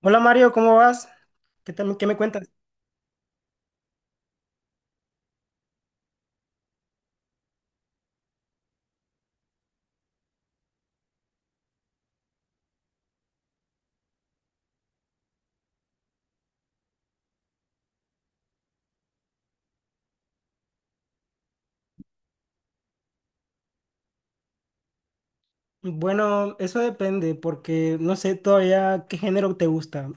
Hola Mario, ¿cómo vas? ¿Qué me cuentas? Bueno, eso depende porque no sé todavía qué género te gusta.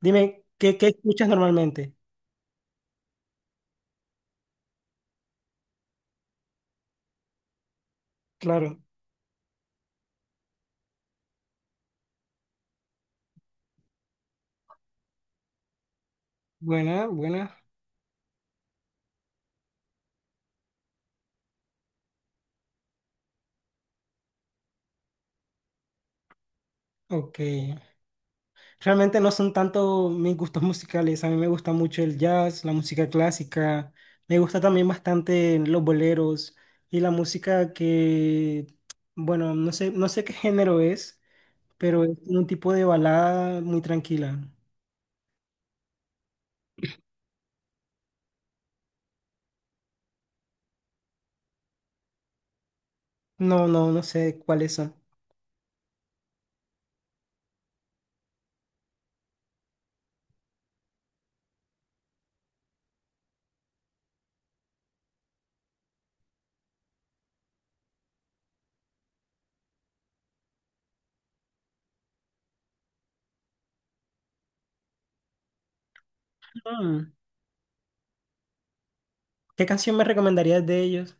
Dime, ¿qué escuchas normalmente? Claro, buena, buena. Ok. Realmente no son tanto mis gustos musicales. A mí me gusta mucho el jazz, la música clásica. Me gusta también bastante los boleros y la música que, bueno, no sé qué género es, pero es un tipo de balada muy tranquila. No, no, no sé cuáles son. Mm. ¿Qué canción me recomendarías de ellos?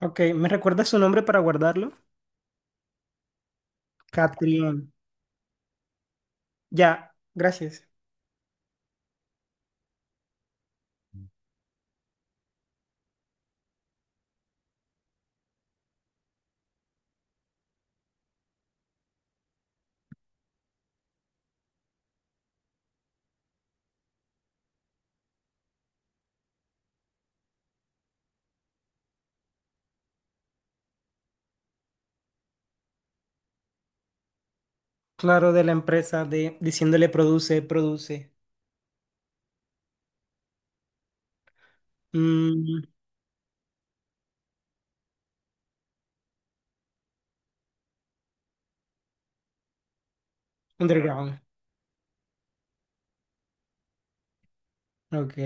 Ok, ¿me recuerdas su nombre para guardarlo? Catrión. Ya, gracias. Claro, de la empresa de diciéndole produce, produce. Mm. Underground. Ok,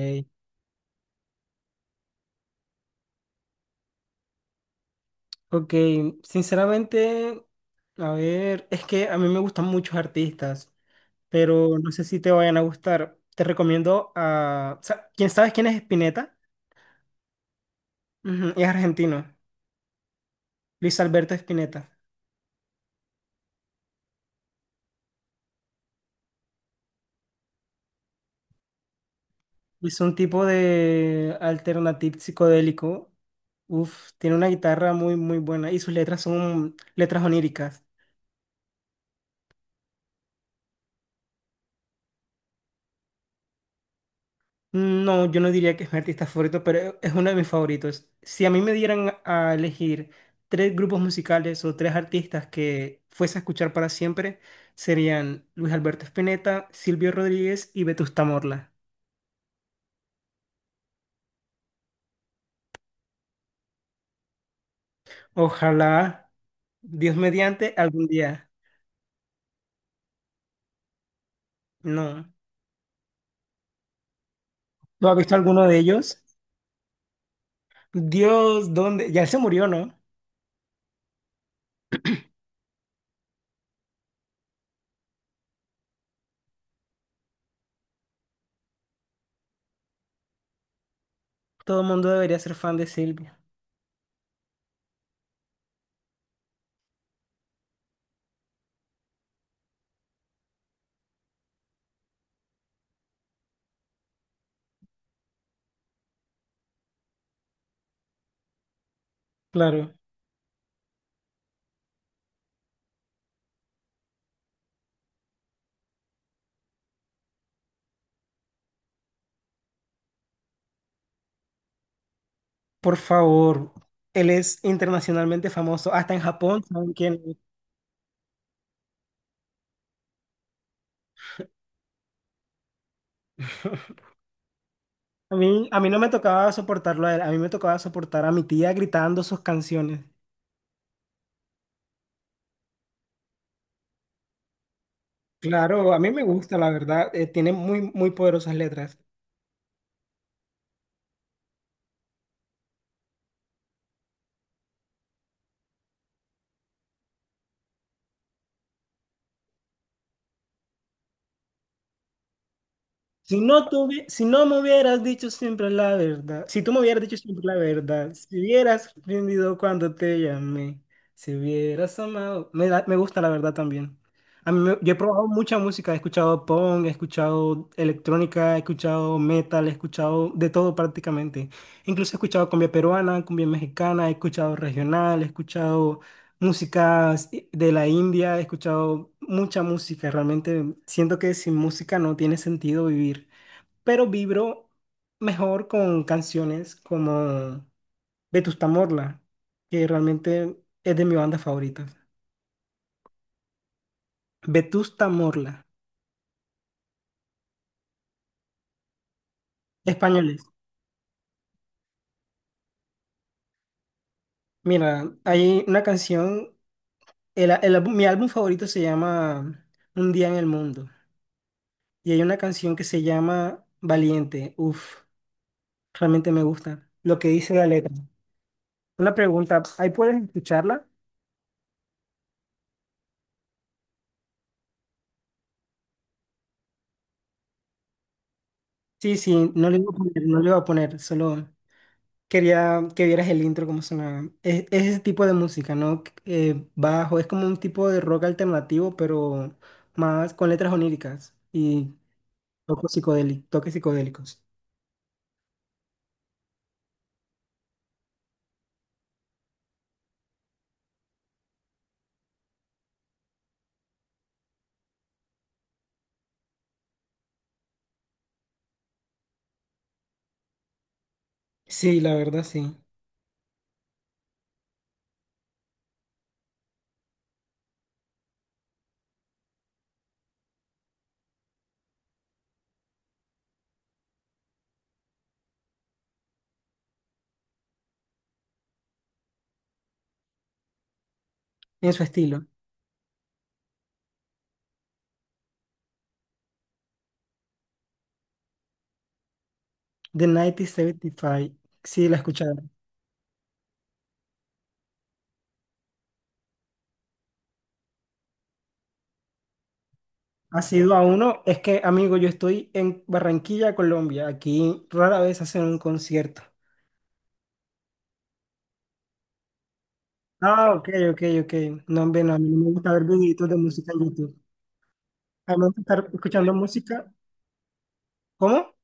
ok. Sinceramente, a ver, es que a mí me gustan muchos artistas, pero no sé si te vayan a gustar. Te recomiendo a. ¿Quién sabes quién es Spinetta? Ujú, es argentino. Luis Alberto Spinetta. Hizo un tipo de alternative psicodélico. Uf, tiene una guitarra muy, muy buena y sus letras son letras oníricas. No, yo no diría que es mi artista favorito, pero es uno de mis favoritos. Si a mí me dieran a elegir tres grupos musicales o tres artistas que fuese a escuchar para siempre, serían Luis Alberto Spinetta, Silvio Rodríguez y Vetusta Morla. Ojalá, Dios mediante, algún día. No. ¿Tú has visto alguno de ellos? Dios, ¿dónde? Ya él se murió, ¿no? Todo el mundo debería ser fan de Silvia. Claro, por favor. Él es internacionalmente famoso. Hasta en Japón, ¿saben quién es? A mí no me tocaba soportarlo a él. A mí me tocaba soportar a mi tía gritando sus canciones. Claro, a mí me gusta, la verdad. Tiene muy, muy poderosas letras. Si no me hubieras dicho siempre la verdad, si tú me hubieras dicho siempre la verdad, si hubieras rendido cuando te llamé, si hubieras amado, me gusta la verdad también. Yo he probado mucha música, he escuchado punk, he escuchado electrónica, he escuchado metal, he escuchado de todo prácticamente. Incluso he escuchado cumbia peruana, cumbia mexicana, he escuchado regional, he escuchado músicas de la India, he escuchado mucha música, realmente siento que sin música no tiene sentido vivir, pero vibro mejor con canciones como Vetusta Morla, que realmente es de mi banda favorita. Vetusta Morla, españoles. Mira, hay una canción, mi álbum favorito se llama Un día en el mundo, y hay una canción que se llama Valiente. Uf, realmente me gusta lo que dice la letra. Una pregunta, ¿ahí puedes escucharla? Sí, sí, no le iba a poner, no le iba a poner, solo... Quería que vieras el intro, cómo sonaba. Es ese tipo de música, ¿no? Bajo, es como un tipo de rock alternativo, pero más con letras oníricas y toques psicodélicos, toques psicodélicos. Sí, la verdad, sí. En su estilo. The 1975. Sí, la he escuchado. Ha sido a uno. Es que, amigo, yo estoy en Barranquilla, Colombia. Aquí rara vez hacen un concierto. Ah, ok, ok, ok. No, hombre, no, a mí no me gusta ver videitos de música en YouTube. A mí me gusta estar escuchando música. ¿Cómo?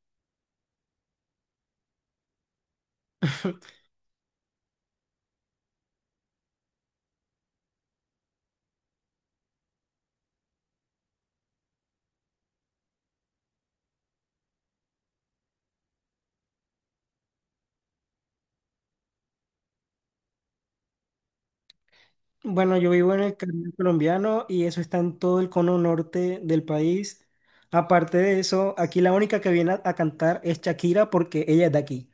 Bueno, yo vivo en el Caribe colombiano y eso está en todo el cono norte del país. Aparte de eso, aquí la única que viene a cantar es Shakira porque ella es de aquí.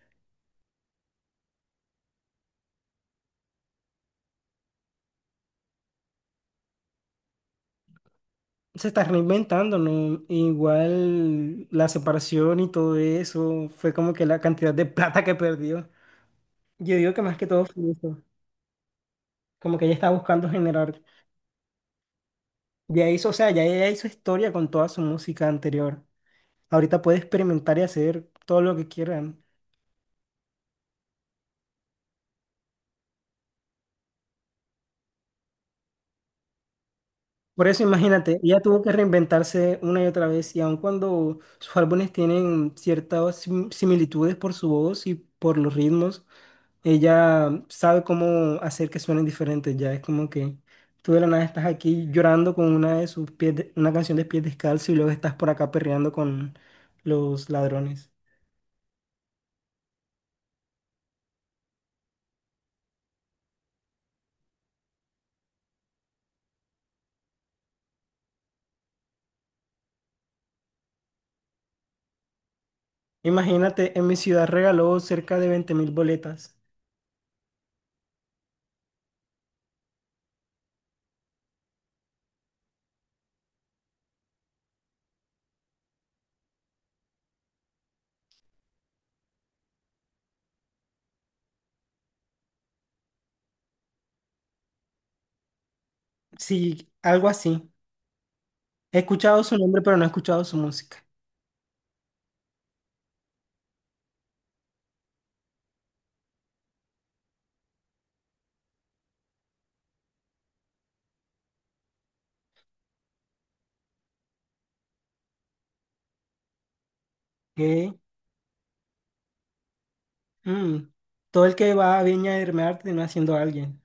Se está reinventando, ¿no? Igual la separación y todo eso fue como que la cantidad de plata que perdió. Yo digo que más que todo fue eso, como que ella está buscando generar. Ya hizo, o sea, ya ella hizo historia con toda su música anterior. Ahorita puede experimentar y hacer todo lo que quiera. Por eso imagínate, ella tuvo que reinventarse una y otra vez y aun cuando sus álbumes tienen ciertas similitudes por su voz y por los ritmos, ella sabe cómo hacer que suenen diferentes. Ya es como que tú de la nada estás aquí llorando con una de sus pies, una canción de pies descalzos y luego estás por acá perreando con los ladrones. Imagínate, en mi ciudad regaló cerca de 20.000 boletas. Sí, algo así. He escuchado su nombre, pero no he escuchado su música. Mm. Todo el que va a Viña del Mar termina siendo alguien.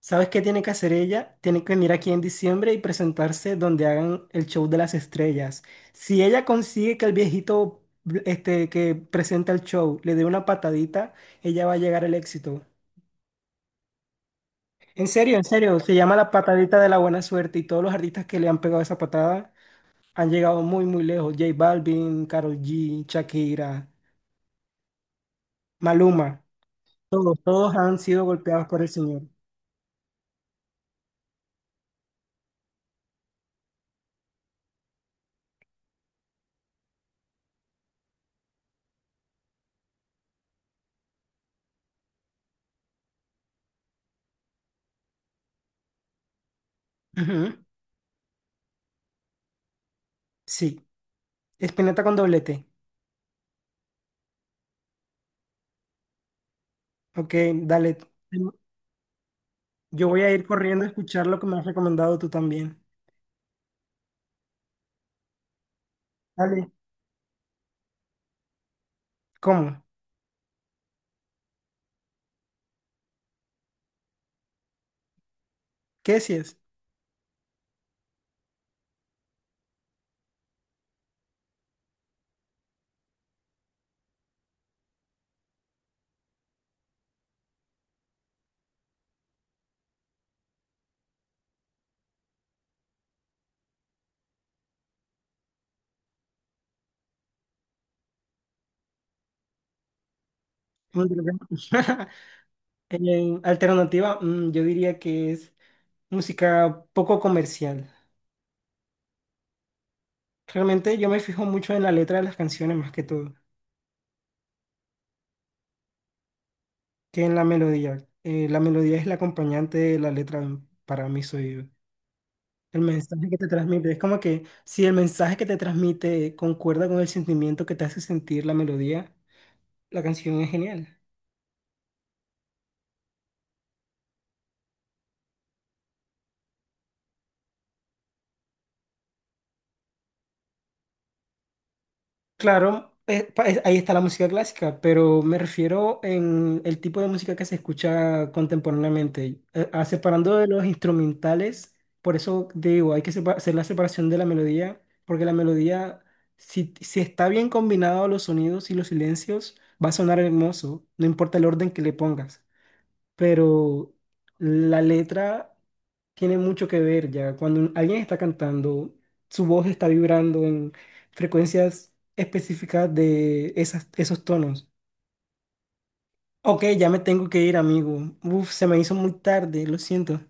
¿Sabes qué tiene que hacer ella? Tiene que venir aquí en diciembre y presentarse donde hagan el show de las estrellas. Si ella consigue que el viejito este, que presenta el show le dé una patadita, ella va a llegar al éxito. En serio, se llama la patadita de la buena suerte y todos los artistas que le han pegado esa patada han llegado muy, muy lejos. J Balvin, Karol G, Shakira, Maluma, todos, todos han sido golpeados por el señor. Ujú. Sí. Espineta con doblete. Ok, dale. Yo voy a ir corriendo a escuchar lo que me has recomendado tú también. Dale. ¿Cómo? ¿Qué si es? En alternativa, yo diría que es música poco comercial. Realmente yo me fijo mucho en la letra de las canciones más que todo, que en la melodía. La melodía es la acompañante de la letra, para mí soy. El mensaje que te transmite, es como que si el mensaje que te transmite concuerda con el sentimiento que te hace sentir la melodía, la canción es genial. Claro, ahí está la música clásica, pero me refiero en el tipo de música que se escucha contemporáneamente. Separando de los instrumentales, por eso digo, hay que hacer la separación de la melodía, porque la melodía, si está bien combinado los sonidos y los silencios, va a sonar hermoso, no importa el orden que le pongas, pero la letra tiene mucho que ver ya. Cuando alguien está cantando, su voz está vibrando en frecuencias específicas de esas, esos tonos. Ok, ya me tengo que ir, amigo. Uf, se me hizo muy tarde, lo siento.